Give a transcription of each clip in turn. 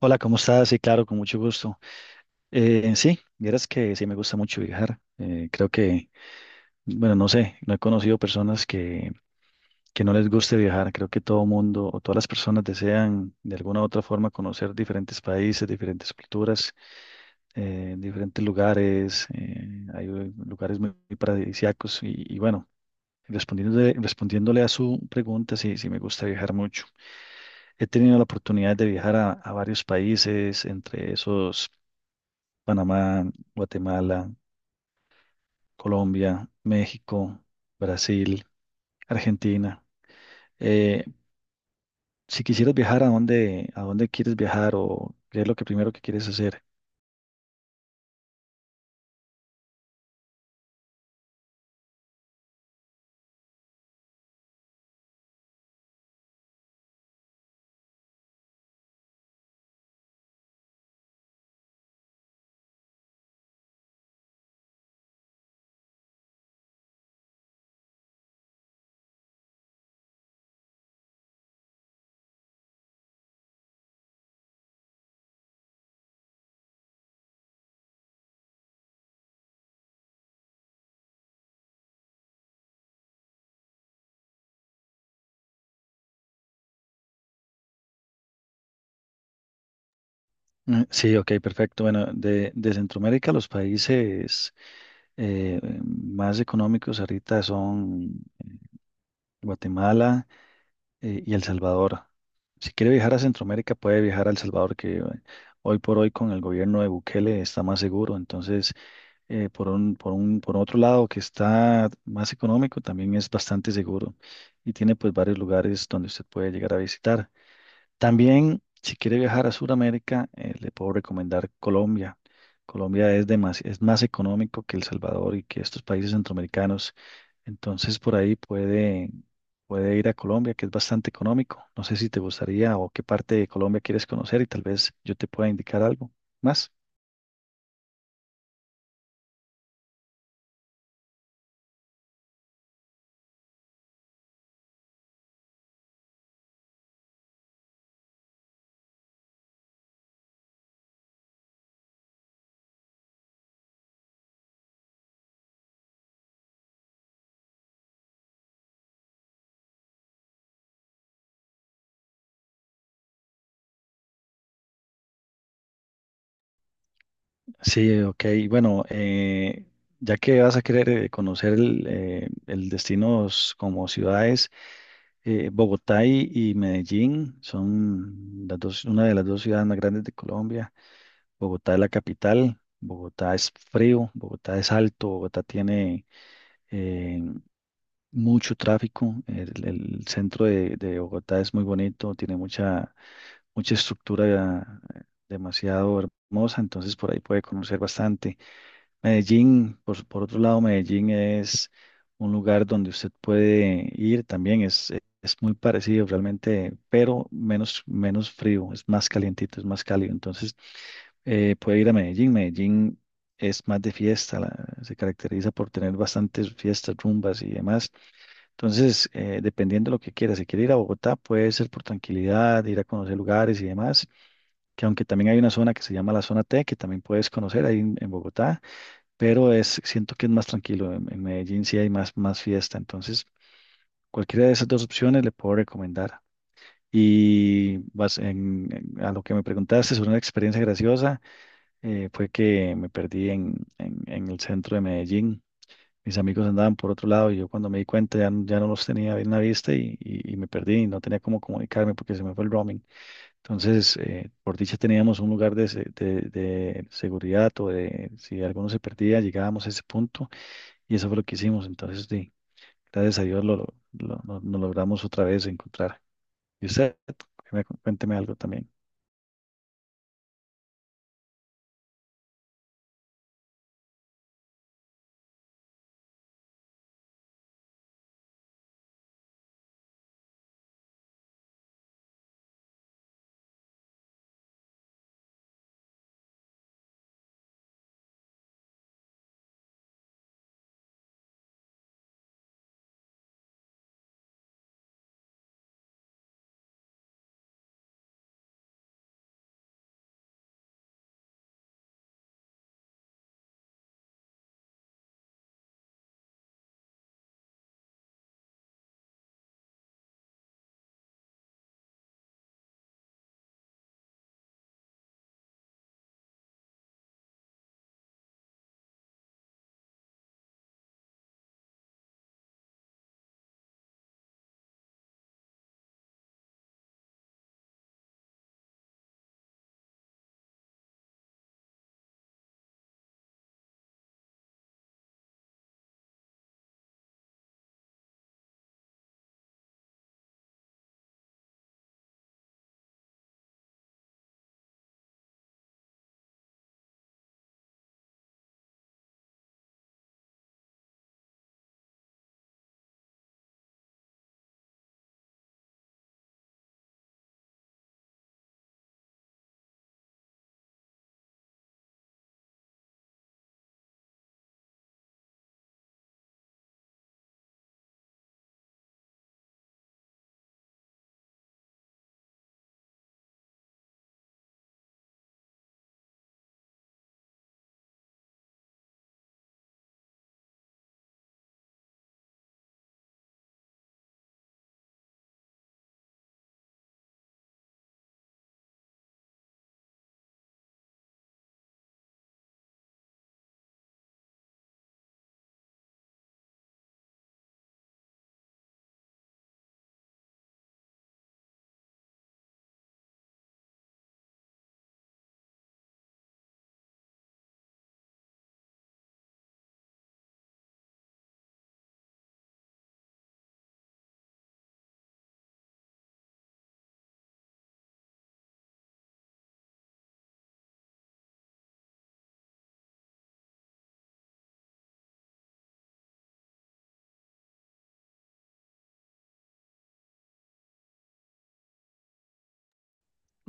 Hola, ¿cómo estás? Sí, claro, con mucho gusto. En sí, vieras que sí me gusta mucho viajar. Creo que, bueno, no sé, no he conocido personas que no les guste viajar. Creo que todo mundo o todas las personas desean de alguna u otra forma conocer diferentes países, diferentes culturas, diferentes lugares. Hay lugares muy, muy paradisíacos y bueno. Respondiéndole a su pregunta, sí, me gusta viajar mucho. He tenido la oportunidad de viajar a varios países, entre esos Panamá, Guatemala, Colombia, México, Brasil, Argentina. Eh, si quisieras viajar, ¿a a dónde quieres viajar o qué es lo que primero que quieres hacer? Mm, sí, ok, perfecto. Bueno, de Centroamérica los países más económicos ahorita son Guatemala y El Salvador. Si quiere viajar a Centroamérica, puede viajar a El Salvador, que hoy por hoy con el gobierno de Bukele está más seguro. Entonces, por otro lado que está más económico, también es bastante seguro y tiene pues varios lugares donde usted puede llegar a visitar. También, si quiere viajar a Sudamérica, le puedo recomendar Colombia. Colombia es más económico que El Salvador y que estos países centroamericanos. Entonces, por ahí puede ir a Colombia, que es bastante económico. No sé si te gustaría o qué parte de Colombia quieres conocer y tal vez yo te pueda indicar algo más. Sí, ok. Bueno, ya que vas a querer conocer el destinos como ciudades, Bogotá y Medellín son las dos, una de las dos ciudades más grandes de Colombia. Bogotá es la capital, Bogotá es frío, Bogotá es alto, Bogotá tiene eh, mucho tráfico. El centro de Bogotá es muy bonito, tiene mucha estructura demasiado hermosa, entonces por ahí puede conocer bastante. Medellín, por otro lado, Medellín es un lugar donde usted puede ir también, es muy parecido realmente, pero menos, menos frío, es más calientito, es más cálido. Entonces, puede ir a Medellín. Medellín es más de fiesta, se caracteriza por tener bastantes fiestas, rumbas y demás. Entonces, dependiendo de lo que quiera, si quiere ir a Bogotá, puede ser por tranquilidad, ir a conocer lugares y demás, que aunque también hay una zona que se llama la zona T, que también puedes conocer ahí en Bogotá pero es, siento que es más tranquilo. En Medellín sí hay más, más fiesta, entonces cualquiera de esas dos opciones le puedo recomendar. Y a lo que me preguntaste sobre una experiencia graciosa, fue que me perdí en el centro de Medellín. Mis amigos andaban por otro lado y yo cuando me di cuenta ya no los tenía bien a la vista y me perdí y no tenía cómo comunicarme porque se me fue el roaming. Entonces, por dicha teníamos un lugar de seguridad o de si alguno se perdía, llegábamos a ese punto y eso fue lo que hicimos. Entonces, sí, gracias a Dios nos logramos otra vez encontrar. Y usted, cuénteme algo también.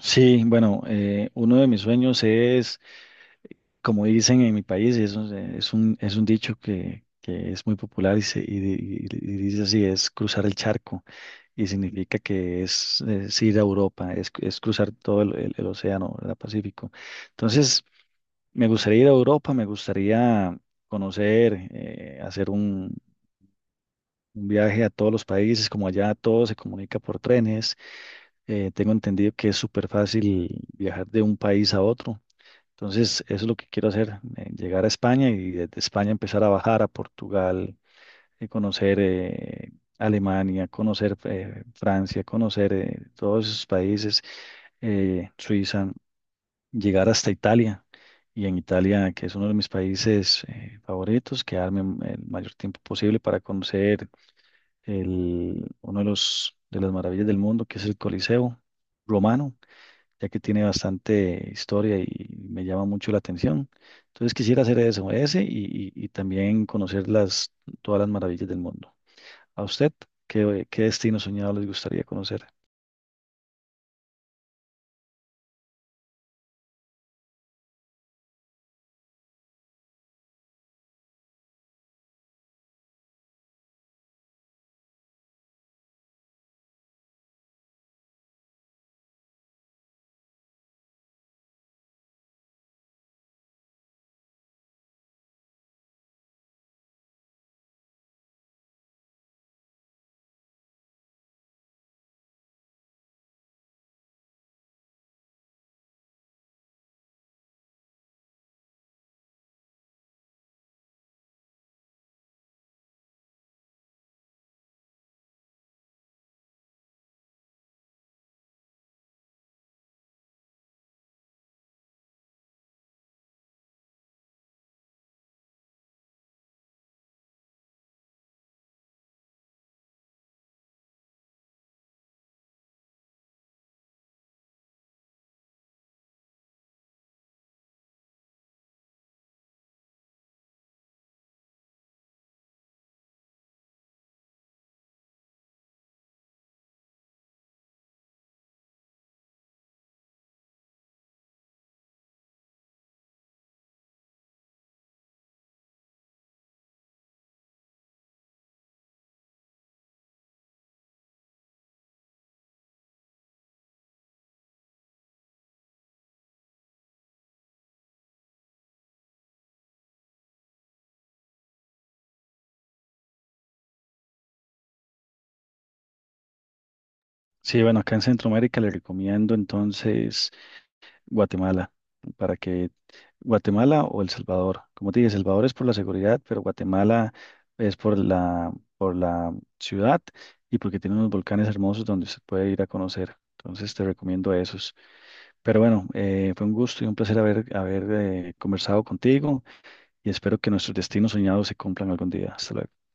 Sí, bueno, uno de mis sueños es, como dicen en mi país, y eso es un dicho que es muy popular y dice así, es cruzar el charco y significa que es ir a Europa, es cruzar todo el océano, el Pacífico. Entonces, me gustaría ir a Europa, me gustaría conocer, hacer un viaje a todos los países, como allá todo se comunica por trenes. Tengo entendido que es súper fácil viajar de un país a otro. Entonces, eso es lo que quiero hacer, llegar a España y desde España empezar a bajar a Portugal, conocer Alemania, conocer Francia, conocer todos esos países, Suiza, llegar hasta Italia. Y en Italia, que es uno de mis países favoritos, quedarme el mayor tiempo posible para conocer uno de de las maravillas del mundo, que es el Coliseo romano, ya que tiene bastante historia y me llama mucho la atención. Entonces quisiera hacer eso, y también conocer todas las maravillas del mundo. ¿A usted qué destino soñado les gustaría conocer? Sí, bueno, acá en Centroamérica le recomiendo entonces Guatemala, para que Guatemala o El Salvador, como te dije, El Salvador es por la seguridad, pero Guatemala es por por la ciudad y porque tiene unos volcanes hermosos donde se puede ir a conocer. Entonces te recomiendo esos. Pero bueno, fue un gusto y un placer haber conversado contigo y espero que nuestros destinos soñados se cumplan algún día. Hasta luego.